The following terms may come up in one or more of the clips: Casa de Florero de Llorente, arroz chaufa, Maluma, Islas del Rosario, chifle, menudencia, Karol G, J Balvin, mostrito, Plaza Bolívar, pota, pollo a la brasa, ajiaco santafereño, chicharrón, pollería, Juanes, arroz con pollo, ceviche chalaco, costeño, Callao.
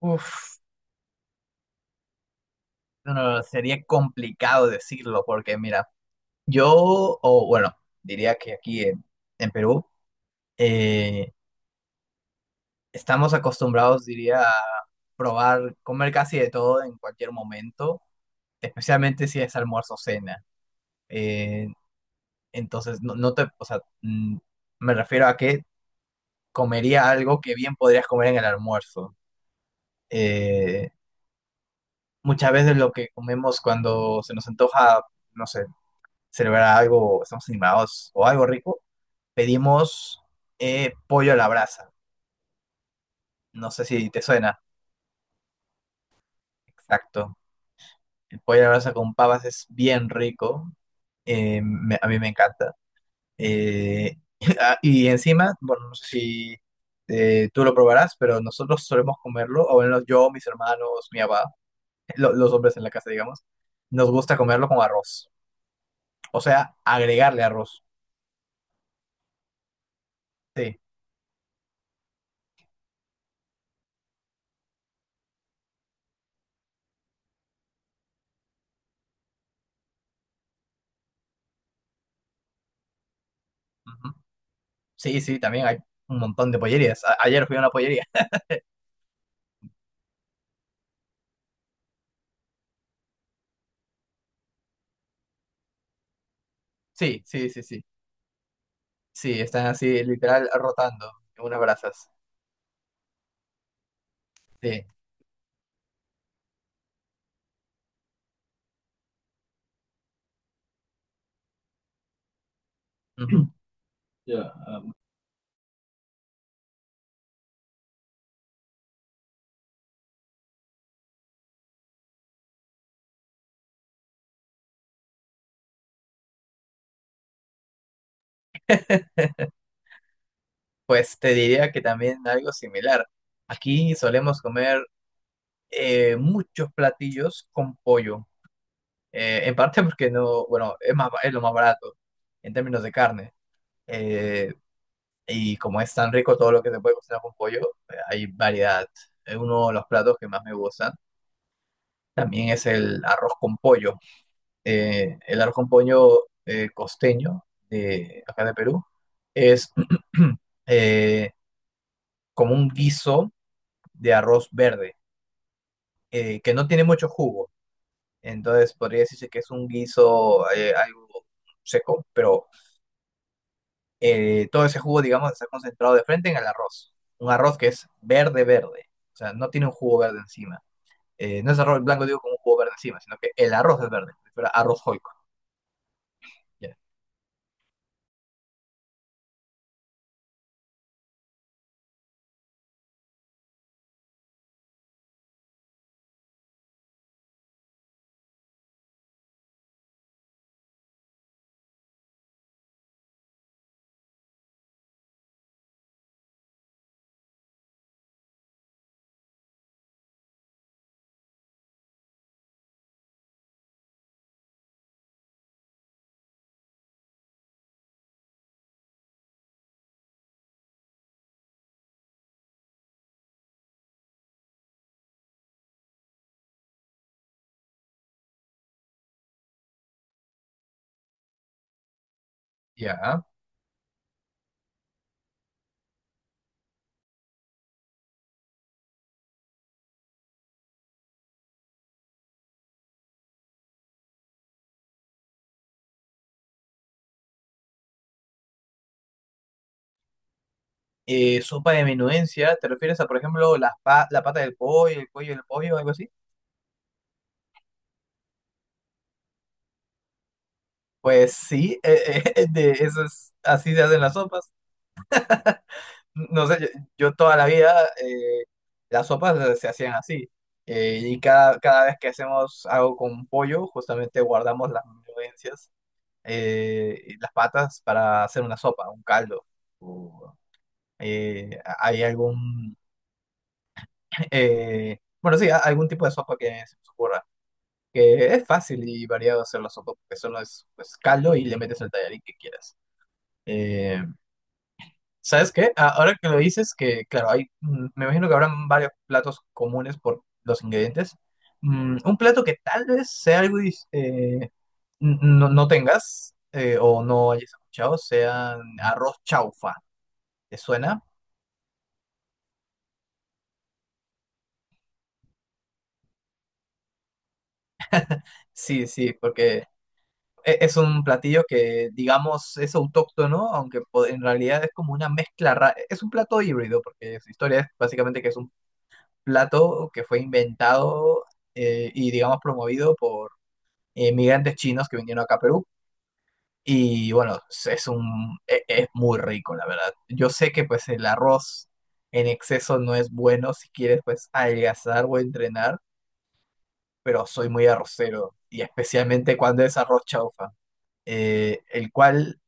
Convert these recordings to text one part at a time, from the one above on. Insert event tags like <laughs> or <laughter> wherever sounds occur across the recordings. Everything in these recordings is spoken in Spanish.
Uf, no, sería complicado decirlo porque mira, yo, o bueno, diría que aquí en Perú eh, estamos acostumbrados, diría, a probar, comer casi de todo en cualquier momento, especialmente si es almuerzo o cena. Eh, entonces, no te, o sea, me refiero a que comería algo que bien podrías comer en el almuerzo. Eh, Muchas veces lo que comemos cuando se nos antoja, no sé. Celebrar algo, estamos animados o algo rico, pedimos pollo a la brasa. No sé si te suena. Exacto. El pollo a la brasa con papas es bien rico. A mí me encanta. Eh, <laughs> ah, y encima, bueno, no sé si tú lo probarás, pero nosotros solemos comerlo, o bueno, yo, mis hermanos, mi papá, los hombres en la casa, digamos, nos gusta comerlo con arroz. O sea, agregarle arroz. Sí. Sí, sí, también hay un montón de pollerías. Ayer fui a una pollería. <laughs> Sí, sí, sí, sí. Sí, están así literal rotando en unas brasas. Sí. Ujú. <clears throat> Ya. Pues te diría que también algo similar. Aquí solemos comer muchos platillos con pollo. En parte <laughs> porque no, bueno, es más, es lo más barato en términos de carne. Eh, y como es tan rico todo lo que se puede cocinar con pollo, hay variedad. Uno de los platos que más me gustan también es el arroz con pollo. El arroz con pollo costeño de acá de Perú es <clears throat> eh, como un guiso de arroz verde, que no tiene mucho jugo. Entonces podría decirse que es un guiso algo seco, pero todo ese jugo, digamos, está concentrado de frente en el arroz. Un arroz que es verde, verde. O sea, no tiene un jugo verde encima. No es arroz blanco, digo, con un jugo verde encima, sino que el arroz es verde. Si arroz joico. Ya. Ya. Sopa de menudencia, ¿te refieres a, por ejemplo, la pata del pollo, el cuello del pollo, algo así? Pues sí, <laughs> así se hacen las sopas. No sé, yo toda la vida eh, las sopas se hacían así. Y cada vez que hacemos algo con pollo, justamente guardamos las menudencias, y las patas para hacer una sopa, un caldo. O, eh, hay algún, bueno, sí, algún tipo de sopa que se nos ocurra. Que es fácil y variado hacer la sopa, porque solo es pues, caldo y le metes el tallarín que quieras. Eh, ¿Sabes qué? Ah, ahora que lo dices, que claro, hay, me imagino que habrán varios platos comunes por los ingredientes. Un plato que tal vez sea algo no tengas o no hayas escuchado, sea arroz chaufa. ¿Te suena? Sí, sí, porque es un platillo que, digamos, es autóctono, aunque en realidad es como una mezcla rara. Es un plato híbrido, porque su historia es básicamente que es un plato que fue inventado y, digamos, promovido por inmigrantes chinos que vinieron acá a Perú. Y bueno, es muy rico, la verdad. Yo sé que pues el arroz en exceso no es bueno si quieres pues adelgazar o entrenar, pero soy muy arrocero, y especialmente cuando es arroz chaufa el cual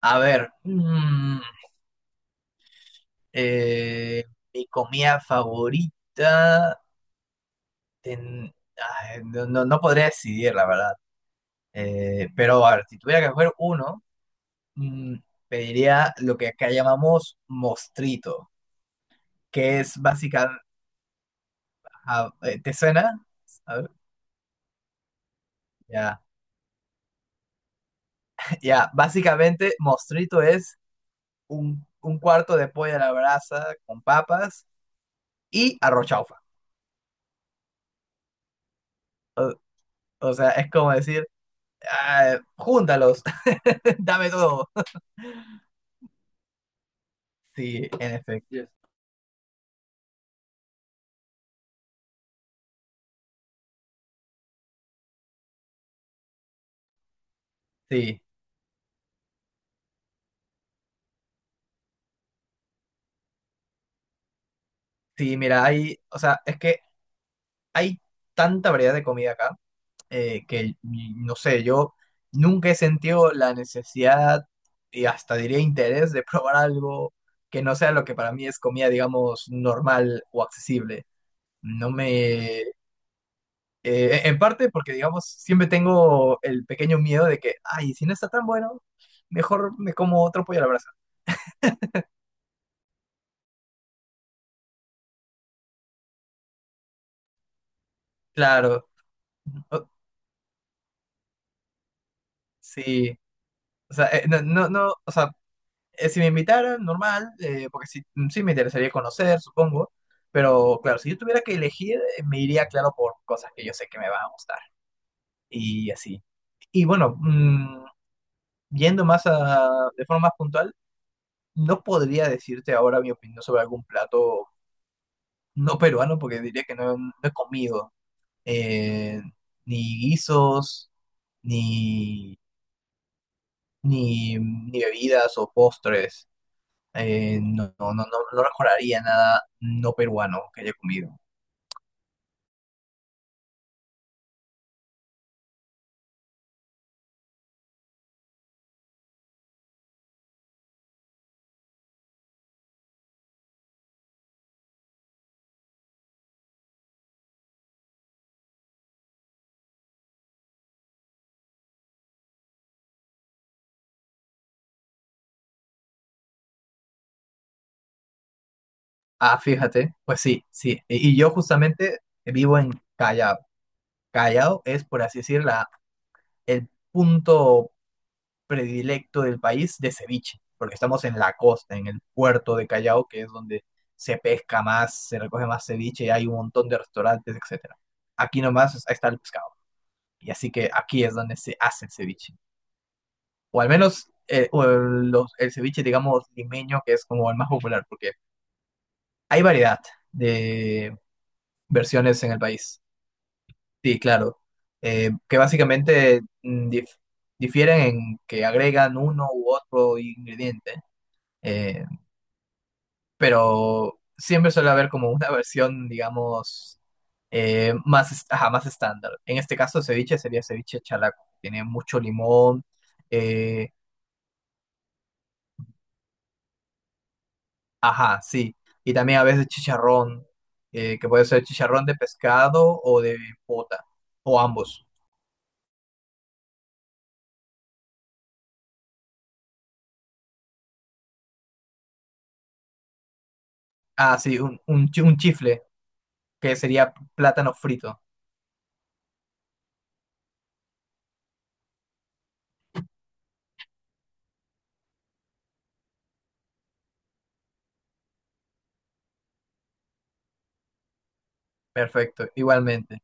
A ver, eh, mi comida favorita, ay, no podría decidir, la verdad. Pero a ver, si tuviera que escoger uno, mm, pediría lo que acá llamamos mostrito, que es básicamente, ¿te suena? A ver, ya, <laughs> ya, básicamente mostrito es un cuarto de pollo a la brasa con papas y arrochaufa. O, o sea, es como decir, ah, júntalos. <laughs> Dame todo. Sí, en efecto. Yes. Sí, sí, mira, hay, o sea, es que hay tanta variedad de comida acá que, no sé, yo nunca he sentido la necesidad y hasta diría interés de <laughs> probar algo que no sea lo que para mí es comida, digamos, normal o accesible. No me... En parte porque, digamos, siempre tengo el pequeño miedo de que, ay, si no está tan bueno, mejor me como otro pollo a la brasa. Claro, o- sí. O sea, no, no, no, o sea, si me invitaran, normal, porque sí, sí me interesaría conocer, supongo. Pero claro, si yo tuviera que elegir, me iría, claro, por cosas que yo sé que me van a gustar. Y así. Y bueno, yendo más a, de forma más puntual, no podría decirte ahora mi opinión sobre algún plato no peruano, porque diría que no, no he comido eh, ni guisos, ni, ni bebidas o postres. No, no, no, no recordaría nada no peruano que haya comido. Ah, fíjate, pues sí, sí. Y yo justamente vivo en Callao. Callao es, por así decir, la, el punto predilecto del país de ceviche, porque estamos en la costa, en el puerto de Callao, que es donde se pesca más, se recoge más ceviche, hay un montón de restaurantes, etcétera. Aquí nomás está el pescado, y así que aquí es donde se hace el ceviche. O al menos el ceviche, digamos, limeño, que es como el más popular, porque hay variedad de versiones en el país. Sí, claro. Que básicamente difieren en que agregan uno u otro ingrediente, eh, pero siempre suele haber como una versión, digamos, ajá, más estándar. En este caso, ceviche sería ceviche chalaco. Tiene mucho limón, eh, ajá, sí. Y también a veces chicharrón, que puede ser chicharrón de pescado o de pota, o ambos. Ah, sí, un chifle, que sería plátano frito. Perfecto, igualmente.